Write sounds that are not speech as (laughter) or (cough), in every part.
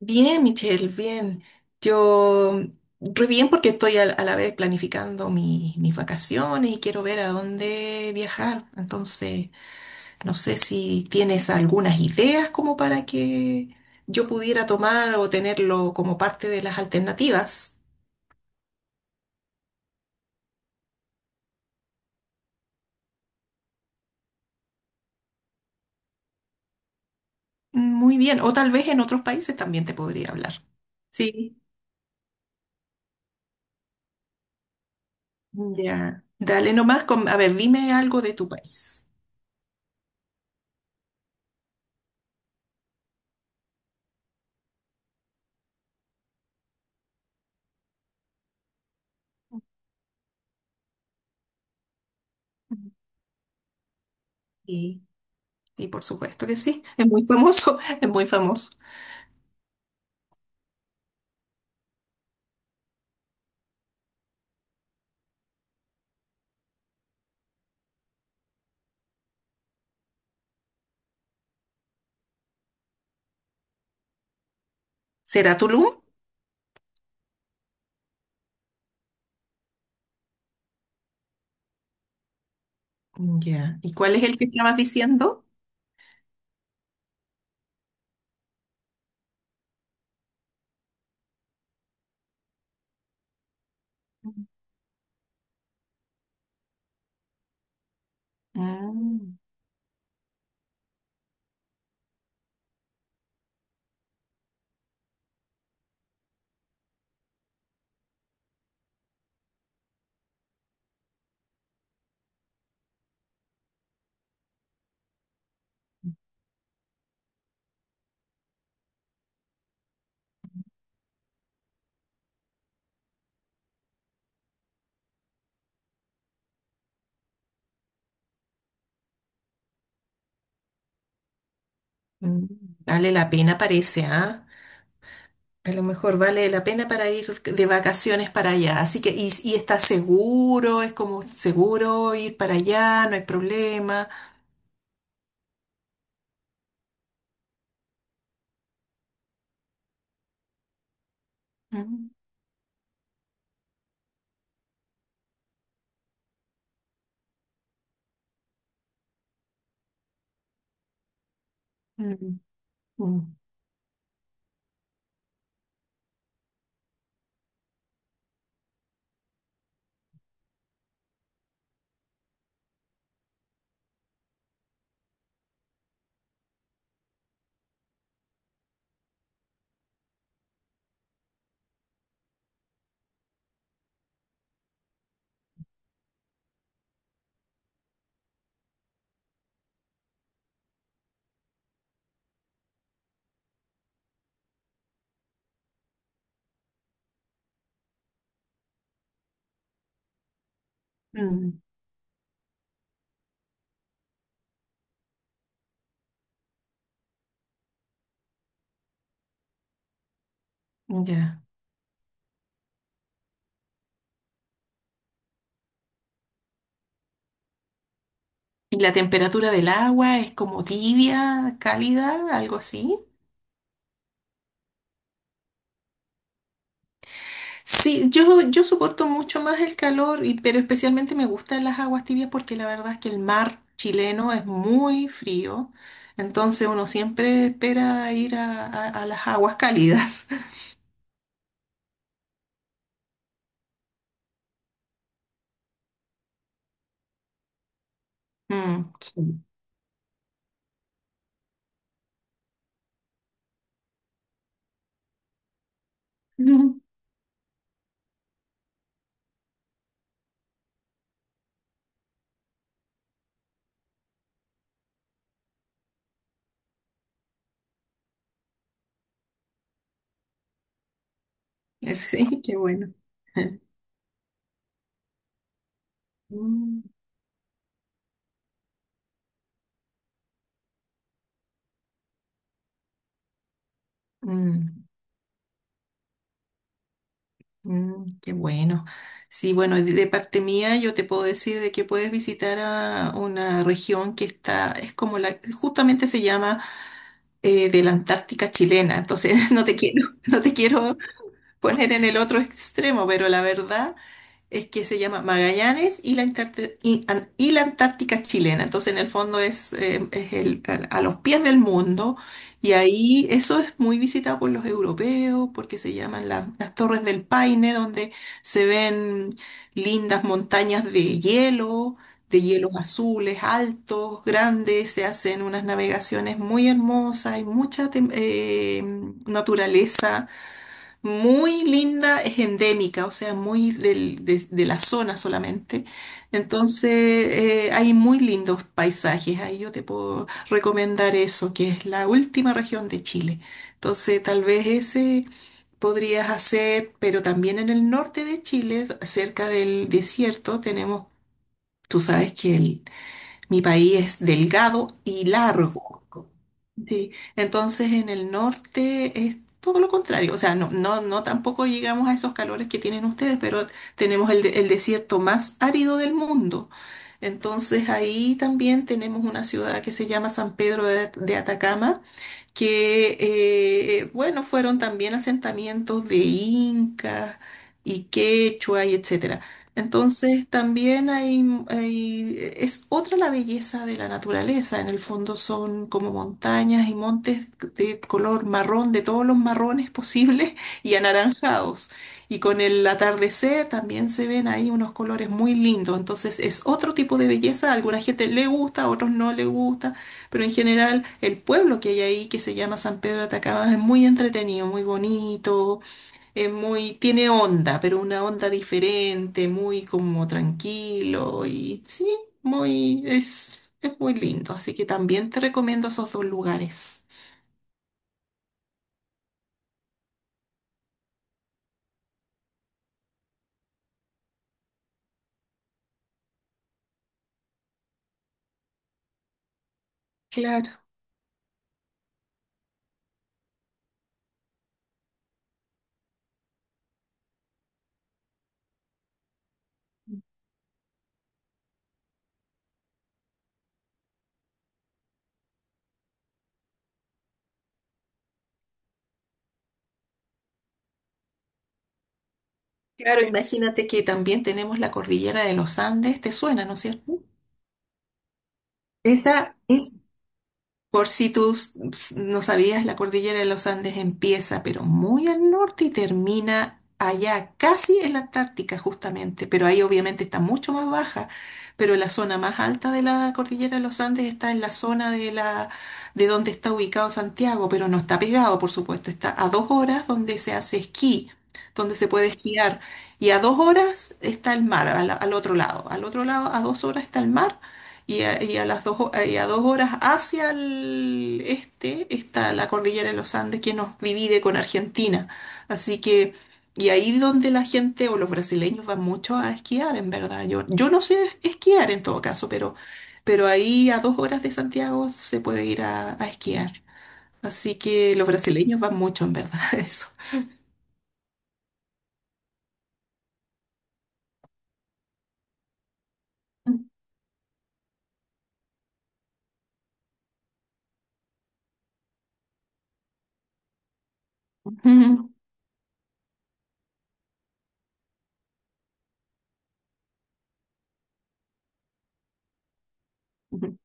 Bien, Michelle, bien. Yo, re bien porque estoy a la vez planificando mis vacaciones y quiero ver a dónde viajar. Entonces, no sé si tienes algunas ideas como para que yo pudiera tomar o tenerlo como parte de las alternativas. Muy bien. O tal vez en otros países también te podría hablar. Sí, ya. Dale nomás. A ver, dime algo de tu país. Y, y por supuesto que sí. Es muy famoso, (laughs) es muy famoso. ¿Será Tulum? Ya. ¿Y cuál es el que estabas diciendo? Ah, mm. Vale la pena, parece, ¿ah? A lo mejor vale la pena para ir de vacaciones para allá. Así que, y está seguro, es como seguro ir para allá, no hay problema. Mm, mm, mm, mm, ya. ¿Y la temperatura del agua es como tibia, cálida, algo así? Sí, yo soporto mucho más el calor, pero especialmente me gustan las aguas tibias porque la verdad es que el mar chileno es muy frío, entonces uno siempre espera ir a, a las aguas cálidas. (laughs) Mm, sí. Ujú. Sí, qué bueno. (laughs) Mm, mm, mm, qué bueno. Sí, bueno, de parte mía yo te puedo decir de que puedes visitar a una región que está, es como la, justamente se llama de la Antártica chilena, entonces (laughs) no te quiero poner en el otro extremo, pero la verdad es que se llama Magallanes y la, y la Antártica chilena. Entonces, en el fondo es a los pies del mundo y ahí eso es muy visitado por los europeos porque se llaman las Torres del Paine, donde se ven lindas montañas de hielo, de hielos azules, altos, grandes, se hacen unas navegaciones muy hermosas, hay mucha naturaleza muy linda, es endémica, o sea, de la zona solamente. Entonces, hay muy lindos paisajes. Ahí yo te puedo recomendar eso, que es la última región de Chile. Entonces, tal vez ese podrías hacer, pero también en el norte de Chile, cerca del desierto, tenemos, tú sabes que el mi país es delgado y largo. Sí, entonces en el norte es todo lo contrario. O sea, no tampoco llegamos a esos calores que tienen ustedes, pero tenemos el desierto más árido del mundo. Entonces ahí también tenemos una ciudad que se llama San Pedro de Atacama que, bueno, fueron también asentamientos de incas y quechua y etcétera. Entonces también hay, es otra la belleza de la naturaleza. En el fondo son como montañas y montes de color marrón, de todos los marrones posibles y anaranjados. Y con el atardecer también se ven ahí unos colores muy lindos. Entonces es otro tipo de belleza. A alguna gente le gusta, a otros no le gusta, pero en general el pueblo que hay ahí, que se llama San Pedro de Atacama, es muy entretenido, muy bonito, es muy, tiene onda, pero una onda diferente, muy como tranquilo y sí, muy, es muy lindo. Así que también te recomiendo esos dos lugares. Claro. Claro, imagínate que también tenemos la cordillera de los Andes, ¿te suena, no es cierto? Esa, por si tú no sabías, la cordillera de los Andes empieza, pero muy al norte y termina allá, casi en la Antártica, justamente. Pero ahí obviamente está mucho más baja. Pero la zona más alta de la cordillera de los Andes está en la zona de donde está ubicado Santiago, pero no está pegado, por supuesto. Está a 2 horas donde se hace esquí, donde se puede esquiar. Y a 2 horas está el mar, al otro lado. Al otro lado, a dos horas está el mar. Y a dos horas hacia el este está la cordillera de los Andes que nos divide con Argentina. Así que, y ahí donde la gente o los brasileños van mucho a esquiar, en verdad. Yo no sé esquiar en todo caso, pero ahí a dos horas de Santiago se puede ir a esquiar. Así que los brasileños van mucho, en verdad, (laughs) a eso. Ujú, ujú,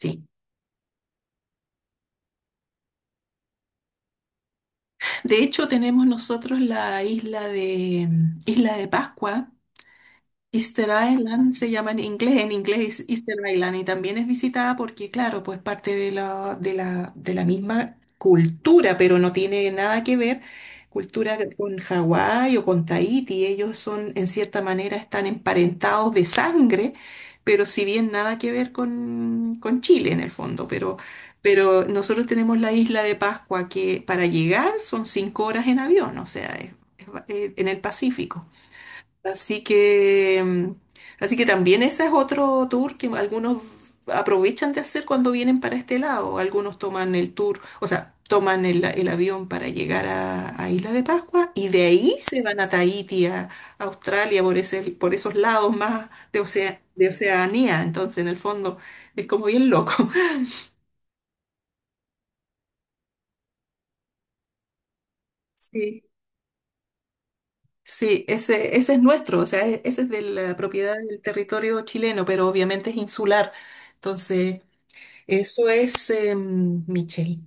sí. De hecho, tenemos nosotros Isla de Pascua. Easter Island se llama en inglés es Easter Island, y también es visitada porque, claro, pues parte de la misma cultura, pero no tiene nada que ver cultura con Hawái o con Tahití. Ellos son, en cierta manera, están emparentados de sangre, pero si bien nada que ver con Chile en el fondo, pero nosotros tenemos la isla de Pascua que para llegar son 5 horas en avión, o sea, en el Pacífico. Así que, mm, así que también ese es otro tour que algunos aprovechan de hacer cuando vienen para este lado. Algunos toman el tour, o sea, toman el avión para llegar a Isla de Pascua y de ahí se van a Tahití, a Australia, por esos lados más de Oceanía. Entonces, en el fondo, es como bien loco. (laughs) Sí, sí, ese es nuestro, o sea, ese es de la propiedad del territorio chileno, pero obviamente es insular. Entonces, eso es, Michelle.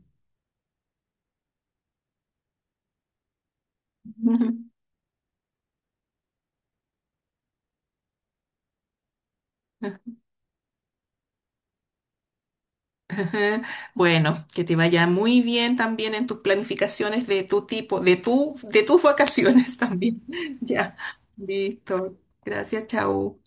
Ujú. (laughs) Ajá. Bueno, que te vaya muy bien también en tus planificaciones de tu tipo, de tu, de tus vacaciones (laughs) también. Ya, listo. Gracias, chao.